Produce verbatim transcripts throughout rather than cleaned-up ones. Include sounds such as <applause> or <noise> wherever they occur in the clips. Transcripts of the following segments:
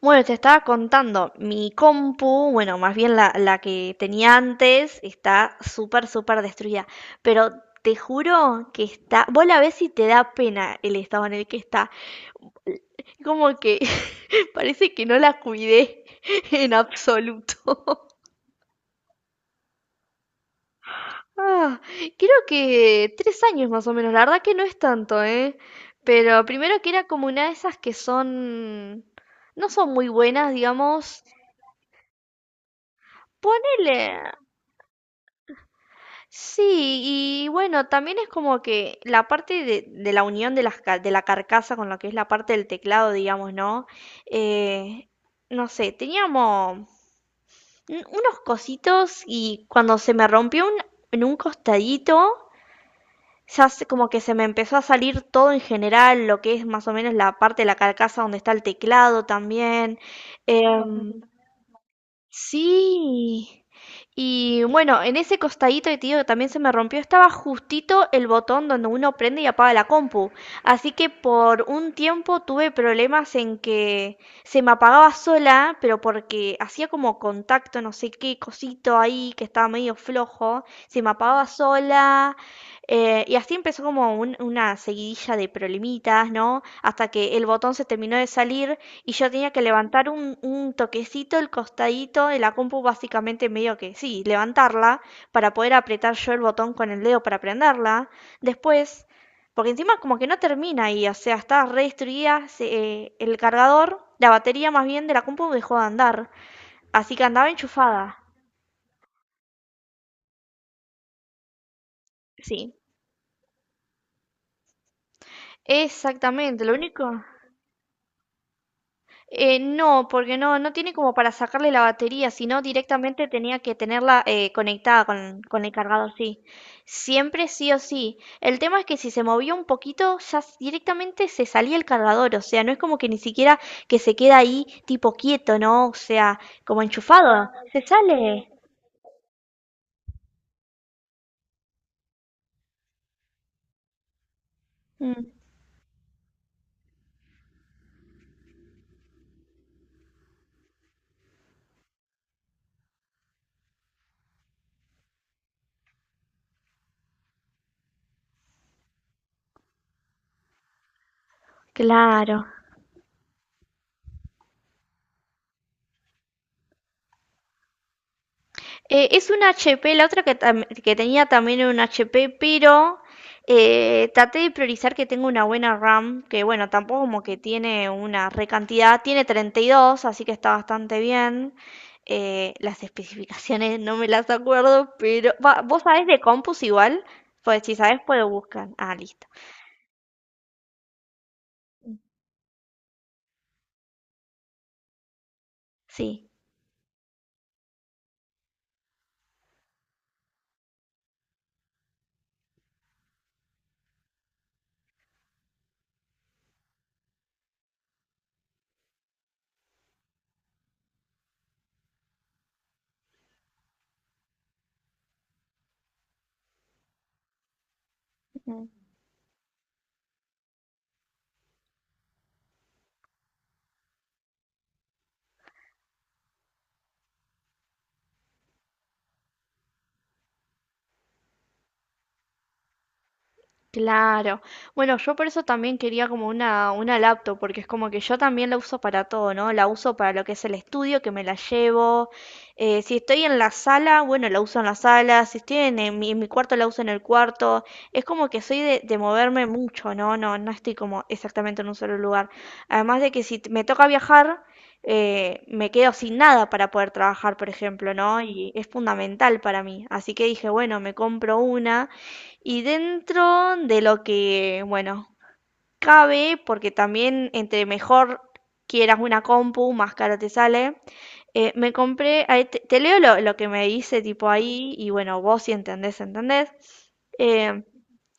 Bueno, te estaba contando, mi compu, bueno, más bien la, la que tenía antes, está súper, súper destruida. Pero te juro que está. Vos la ves y te da pena el estado en el que está. Como que <laughs> parece que no la cuidé <laughs> en absoluto. <laughs> Ah, creo que tres años más o menos. La verdad que no es tanto, ¿eh? Pero primero que era como una de esas que son. No son muy buenas, digamos. Ponele. Sí, y bueno, también es como que la parte de, de la unión de, las ca- de la carcasa con lo que es la parte del teclado, digamos, ¿no? Eh, no sé, teníamos un- unos cositos y cuando se me rompió un- en un costadito, ya se- como que se me empezó a salir todo en general, lo que es más o menos la parte de la carcasa donde está el teclado también. Em, Sí. Y bueno, en ese costadito de tío que también se me rompió, estaba justito el botón donde uno prende y apaga la compu. Así que por un tiempo tuve problemas en que se me apagaba sola, pero porque hacía como contacto, no sé qué cosito ahí que estaba medio flojo, se me apagaba sola. Eh, y así empezó como un- una seguidilla de problemitas, ¿no? Hasta que el botón se terminó de salir y yo tenía que levantar un, un toquecito el costadito de la compu, básicamente medio que sí, levantarla para poder apretar yo el botón con el dedo para prenderla. Después, porque encima como que no termina ahí, o sea, está re destruida eh, El cargador, la batería más bien de la compu dejó de andar, así que andaba enchufada. Sí, exactamente, lo único. Eh, no, porque no, no tiene como para sacarle la batería, sino directamente tenía que tenerla eh, conectada con, con el cargador, sí. Siempre sí o sí. El tema es que si se movió un poquito, ya s- directamente se salía el cargador, o sea, no es como que ni siquiera que se queda ahí tipo quieto, ¿no? O sea, como enchufado, se sale. Mm, claro. Eh, es un H P, la otra que, tam- que tenía también era un H P, pero eh, traté de priorizar que tenga una buena RAM, que bueno, tampoco como que tiene una recantidad, tiene treinta y dos, así que está bastante bien. Eh, las especificaciones <laughs> no me las acuerdo, pero va, vos sabés de compus igual, pues si sabés puedo buscar. Ah, listo. Sí. Claro. Bueno, yo por eso también quería como una, una laptop, porque es como que yo también la uso para todo, ¿no? La uso para lo que es el estudio, que me la llevo. Eh, si estoy en la sala, bueno, la uso en la sala. Si estoy en, en mi, en mi cuarto, la uso en el cuarto. Es como que soy de, de moverme mucho, ¿no? No, no estoy como exactamente en un solo lugar. Además de que si t- me toca viajar, eh, me quedo sin nada para poder trabajar, por ejemplo, ¿no? Y es fundamental para mí. Así que dije, bueno, me compro una. Y dentro de lo que, bueno, cabe, porque también entre mejor quieras una compu, más caro te sale, eh, me compré, ahí te, te leo lo, lo que me dice tipo ahí, y bueno, vos si entendés, entendés. Eh,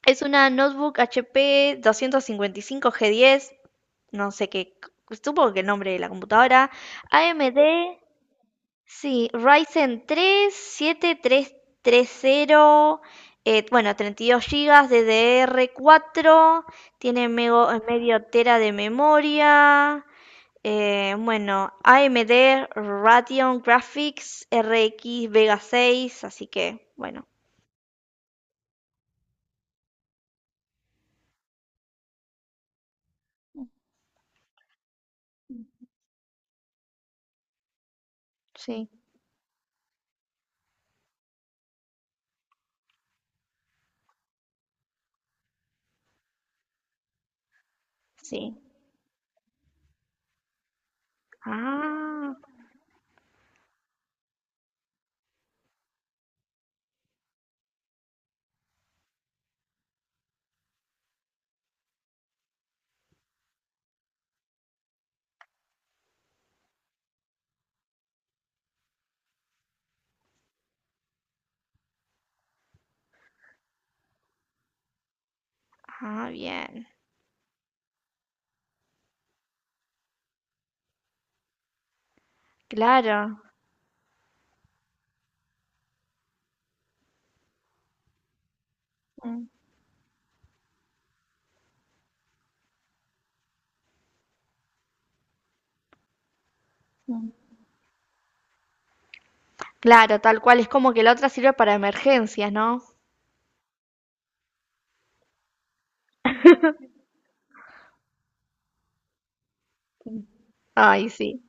es una notebook H P doscientos cincuenta y cinco G diez, no sé qué, supongo que el nombre de la computadora, A M D Sí, Ryzen tres siete tres siete tres tres cero, eh, bueno, treinta y dos gigas ddr cuatro, tiene mego- eh, medio tera de memoria, eh, bueno, A M D Radeon Graphics R X Vega seis, así que, bueno, sí, sí. Ah, ah, bien, claro. Mm, mm. Claro, tal cual, es como que la otra sirve para emergencias, ¿no? Ay, sí.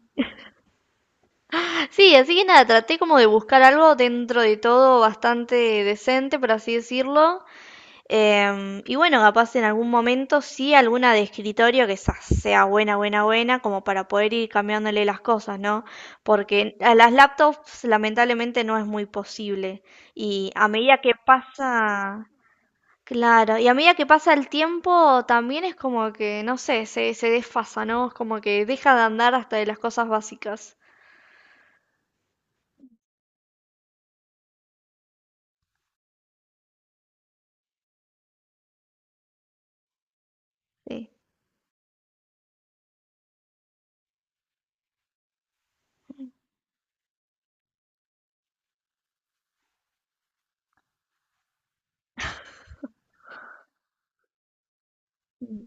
Sí, así que nada, traté como de buscar algo dentro de todo bastante decente, por así decirlo. Em, y bueno, capaz en algún momento sí alguna de escritorio que esa sea buena, buena, buena, como para poder ir cambiándole las cosas, ¿no? Porque a las laptops lamentablemente no es muy posible. Y a medida que pasa, claro, y a medida que pasa el tiempo también es como que, no sé, se, se desfasa, ¿no? Es como que deja de andar hasta de las cosas básicas. Sí. Mm,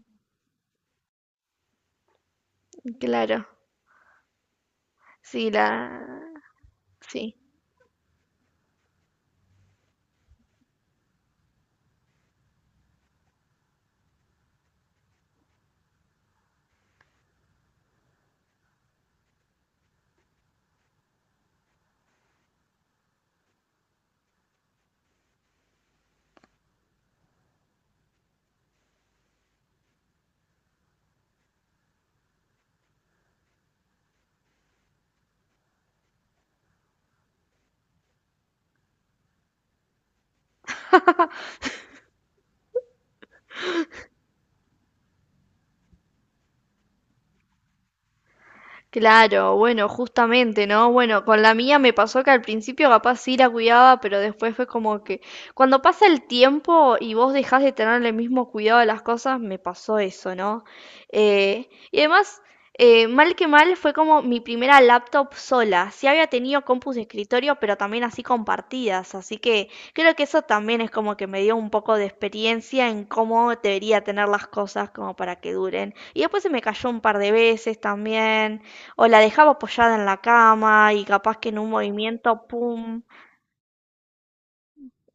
claro. Sí, la... Sí. Claro, bueno, justamente, ¿no? Bueno, con la mía me pasó que al principio capaz sí la cuidaba, pero después fue como que cuando pasa el tiempo y vos dejás de tener el mismo cuidado de las cosas, me pasó eso, ¿no? Eh, y además, eh, mal que mal, fue como mi primera laptop sola. Sí había tenido compus de escritorio, pero también así compartidas, así que creo que eso también es como que me dio un poco de experiencia en cómo debería tener las cosas como para que duren. Y después se me cayó un par de veces también o la dejaba apoyada en la cama y capaz que en un movimiento, ¡pum!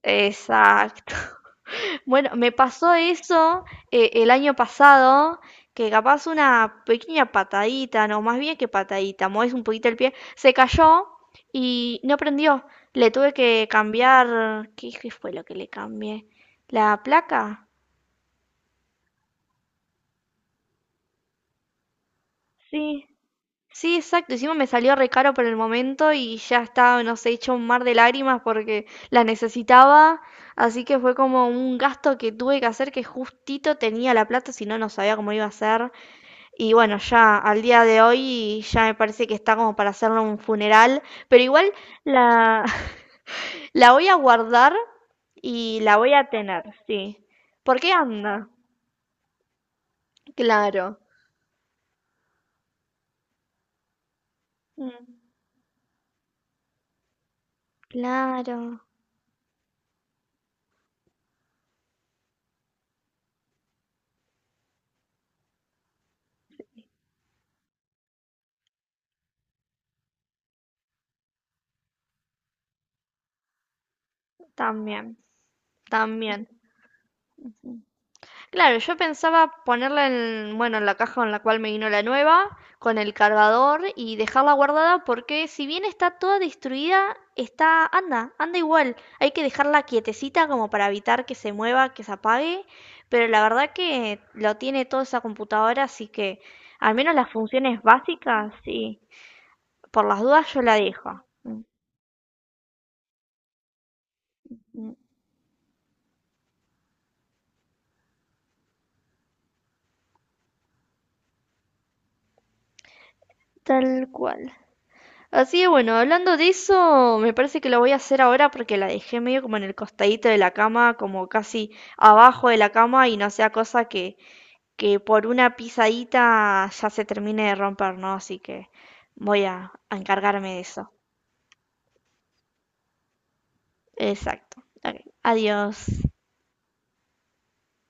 Exacto. Bueno, me pasó eso, eh, el año pasado, que capaz una pequeña patadita, no, más bien que patadita, mueves un poquito el pie, se cayó y no prendió. Le tuve que cambiar, ¿qué, qué fue lo que le cambié? ¿La placa? Sí, sí, exacto. Encima me salió re caro por el momento y ya estaba, no sé, hecho un mar de lágrimas porque la necesitaba. Así que fue como un gasto que tuve que hacer que justito tenía la plata, si no, no sabía cómo iba a ser. Y bueno, ya al día de hoy ya me parece que está como para hacerle un funeral. Pero igual la, <laughs> la voy a guardar y la voy a tener, sí. ¿Por qué anda? Claro. Mm, claro, también, también. Claro, yo pensaba ponerla en, bueno, en la caja en la cual me vino la nueva, con el cargador y dejarla guardada porque si bien está toda destruida, está, anda, anda igual. Hay que dejarla quietecita como para evitar que se mueva, que se apague, pero la verdad que lo tiene toda esa computadora, así que al menos las funciones básicas, sí. Por las dudas yo la dejo. Mm. Tal cual. Así que bueno, hablando de eso, me parece que lo voy a hacer ahora porque la dejé medio como en el costadito de la cama, como casi abajo de la cama y no sea cosa que, que por una pisadita ya se termine de romper, ¿no? Así que voy a, a encargarme de eso. Exacto. Ok, Adiós.